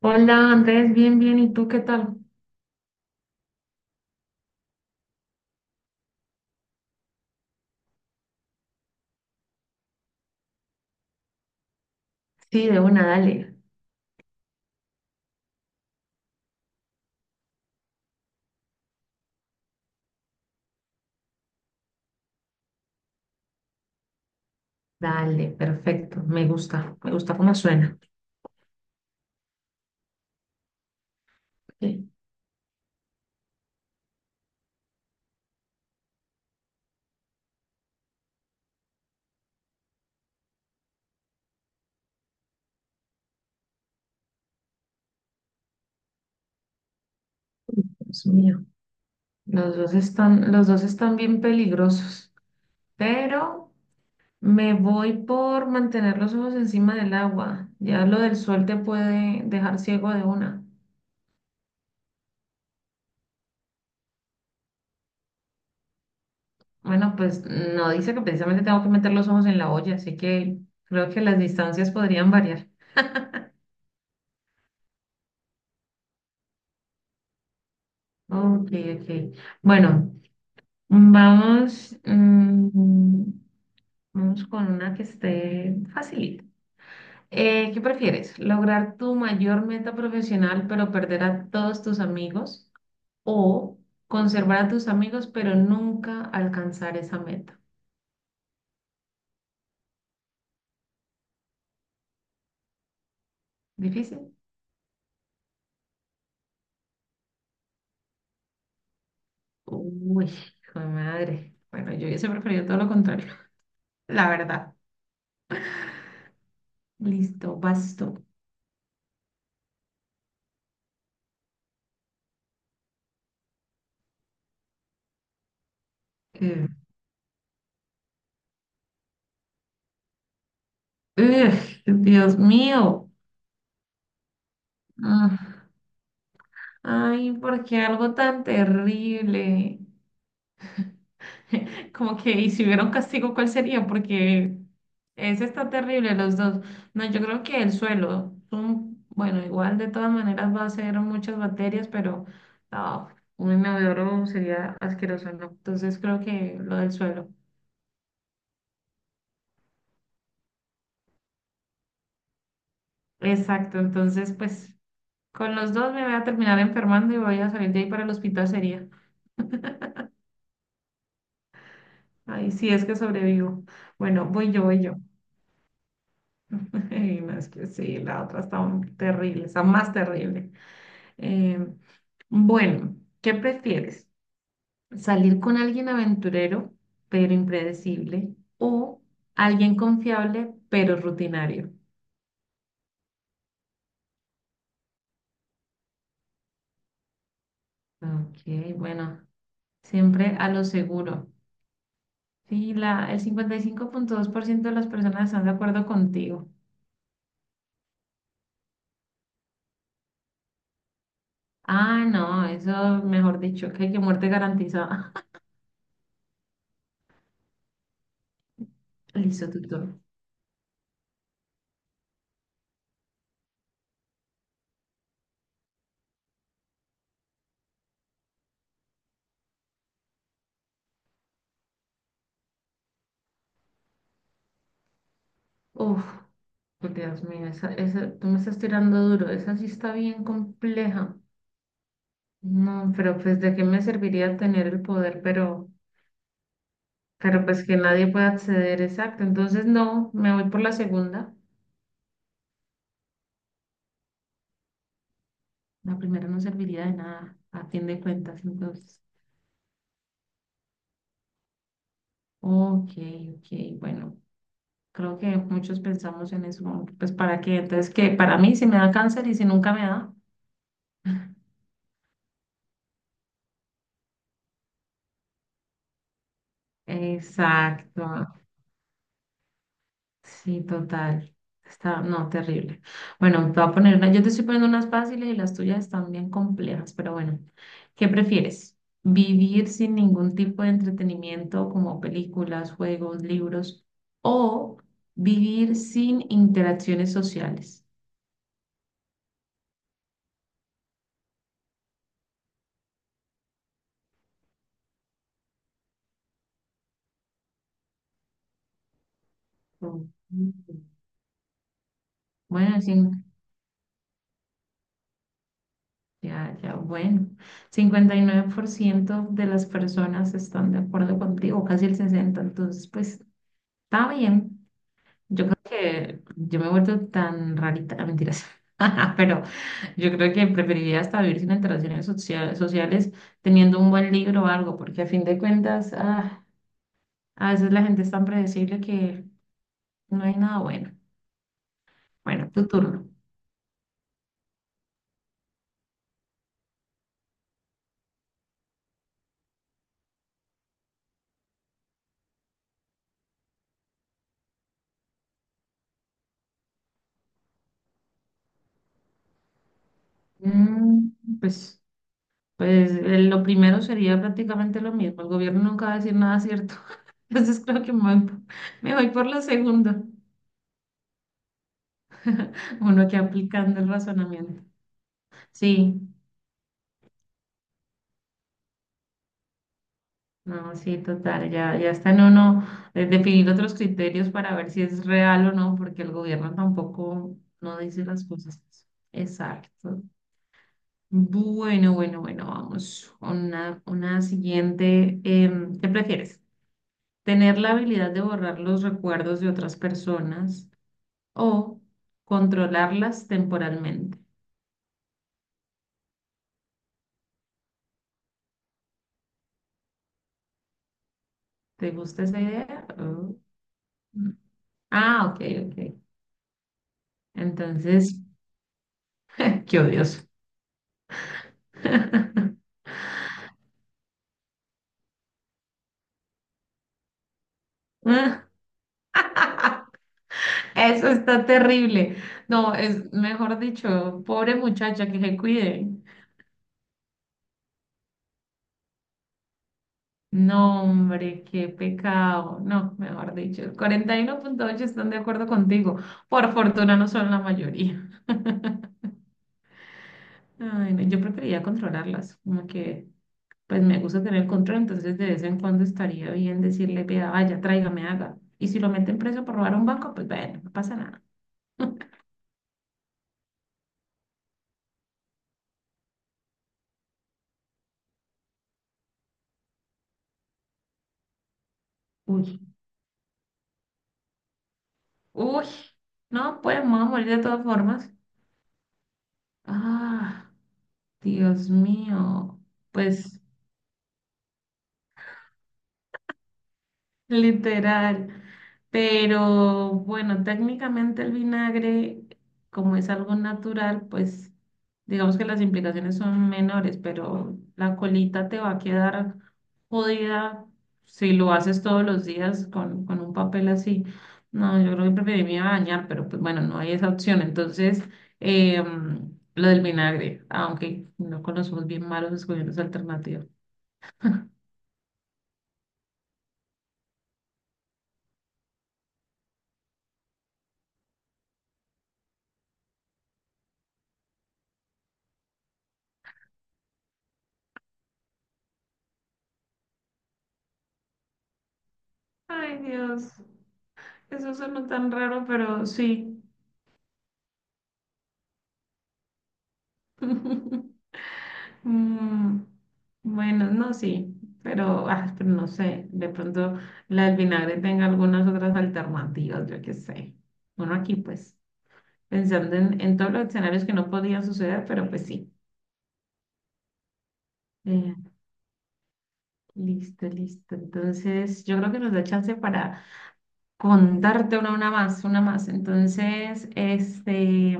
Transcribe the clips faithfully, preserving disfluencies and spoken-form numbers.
Hola Andrés, bien, bien, ¿y tú qué tal? Sí, de una, dale, dale, perfecto, me gusta, me gusta cómo suena. Sí, Dios mío, los dos están, los dos están bien peligrosos, pero me voy por mantener los ojos encima del agua, ya lo del sol te puede dejar ciego de una. Bueno, pues no dice que precisamente tengo que meter los ojos en la olla, así que creo que las distancias podrían variar. Ok, ok. Bueno, vamos. mm, vamos con una que esté facilita. Eh, ¿qué prefieres? ¿Lograr tu mayor meta profesional pero perder a todos tus amigos? ¿O conservar a tus amigos pero nunca alcanzar esa meta? ¿Difícil? Uy, hijo de madre. Bueno, yo hubiese preferido todo lo contrario. La verdad. Listo, basto. Eh, ugh, Dios mío. Ah, ay, ¿por qué algo tan terrible? Como que, y si hubiera un castigo, ¿cuál sería? Porque ese está terrible, los dos. No, yo creo que el suelo, un- bueno, igual de todas maneras va a ser muchas bacterias, pero no, un inodoro sería asqueroso, ¿no? Entonces creo que lo del suelo. Exacto, entonces pues con los dos me voy a terminar enfermando y voy a salir de ahí para el hospital sería. Ay, si es que sobrevivo. Bueno, voy yo, voy yo. Y no, es que sí, la otra está un- terrible, está más terrible. Eh, bueno, ¿qué prefieres? ¿Salir con alguien aventurero pero impredecible o alguien confiable pero rutinario? Ok, bueno, siempre a lo seguro. Sí, la, el cincuenta y cinco punto dos por ciento de las personas están de acuerdo contigo. Ah, no, eso mejor dicho, que hay que muerte garantizada. Listo, tutor. Uf, Dios mío, esa, esa, tú me estás tirando duro, esa sí está bien compleja. No, pero pues de qué me serviría tener el poder, pero, pero pues que nadie pueda acceder, exacto. Entonces no, me voy por la segunda. La primera no serviría de nada, a fin de cuentas. Entonces, ok, ok, bueno, creo que muchos pensamos en eso. Como que, pues para qué, entonces que para mí si me da cáncer y si nunca me da. Exacto, sí, total. Está, no, terrible. Bueno, te voy a poner una, yo te estoy poniendo unas fáciles y las tuyas están bien complejas, pero bueno, ¿qué prefieres? ¿Vivir sin ningún tipo de entretenimiento como películas, juegos, libros o vivir sin interacciones sociales? Mm. Bueno, sin- ya, ya, bueno, cincuenta y nueve por ciento de las personas están de acuerdo contigo, casi el sesenta, entonces pues está bien. Yo creo que yo me he vuelto tan rarita, ah, mentiras, pero yo creo que preferiría hasta vivir sin interacciones socia- sociales teniendo un buen libro o algo, porque a fin de cuentas, ah, a veces la gente es tan predecible que no hay nada bueno. Bueno, tu turno. Mm, pues, pues eh, lo primero sería prácticamente lo mismo. El gobierno nunca va a decir nada cierto. Entonces creo que me voy por, me voy por lo segundo. Uno que aplicando el razonamiento. Sí. No, sí, total, ya, ya está en uno eh, definir otros criterios para ver si es real o no, porque el gobierno tampoco no dice las cosas. Exacto. Bueno, bueno, bueno, vamos. con Una, una siguiente. em, ¿qué prefieres? ¿Tener la habilidad de borrar los recuerdos de otras personas o controlarlas temporalmente? ¿Te gusta esa idea? Oh. Ah, ok, ok. Entonces, qué odioso. Eso está terrible. No, es mejor dicho, pobre muchacha que se cuide. No, hombre, qué pecado. No, mejor dicho, el cuarenta y uno punto ocho están de acuerdo contigo. Por fortuna no son la mayoría. Ay, no, yo preferiría controlarlas, como que pues me gusta tener control, entonces de vez en cuando estaría bien decirle, vea, vaya, tráigame, haga. Y si lo meten preso por robar un banco, pues bueno, no pasa nada. Uy, uy, no, pues me voy a morir de todas formas. Ah. Dios mío, pues literal. Pero bueno, técnicamente el vinagre, como es algo natural, pues digamos que las implicaciones son menores, pero la colita te va a quedar jodida si lo haces todos los días con, con un papel así. No, yo creo que preferiría bañar, pero pues bueno, no hay esa opción. Entonces, em, lo del vinagre, aunque no conocemos bien malos escogiendo esa alternativa. Ay, Dios. Eso suena tan raro, pero sí. Mm, bueno, no, sí, pero, ah, pero no sé, de pronto la del vinagre tenga algunas otras alternativas, yo qué sé. Bueno, aquí pues, pensando en, en todos los escenarios que no podían suceder, pero pues sí. Eh, listo, listo. Entonces, yo creo que nos da chance para contarte una, una más, una más. Entonces, este,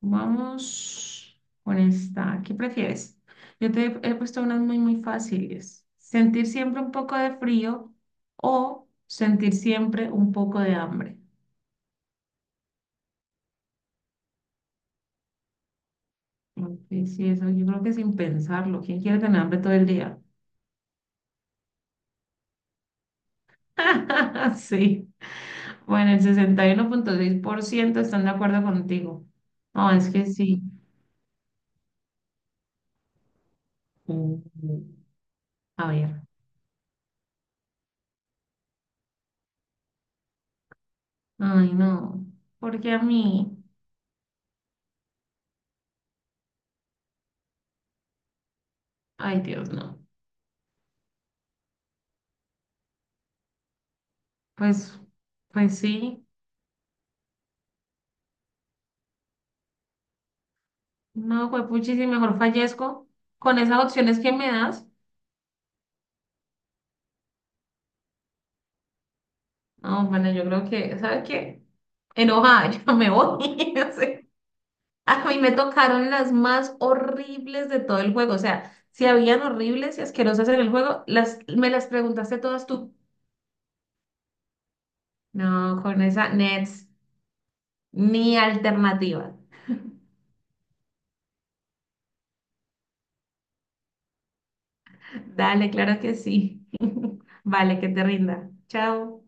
vamos con esta. ¿Qué prefieres? Yo te he puesto unas muy, muy fáciles. ¿Sentir siempre un poco de frío o sentir siempre un poco de hambre? Ok, sí, eso yo creo que sin pensarlo. ¿Quién quiere tener hambre todo el día? Sí. Bueno, el sesenta y uno punto seis por ciento están de acuerdo contigo. No, es que sí. Mm. A ver. Ay, no. Porque a mí, ay, Dios, no. Pues, pues sí. No, juepuchi, si mejor fallezco con esas opciones que me das. No, bueno, yo creo que, ¿sabes qué? Enojada, yo me voy. O sea, a mí me tocaron las más horribles de todo el juego. O sea, si habían horribles y asquerosas en el juego, las, me las preguntaste todas tú. No, con esa Nets, ni alternativa. Dale, claro que sí. Vale, que te rinda. Chao.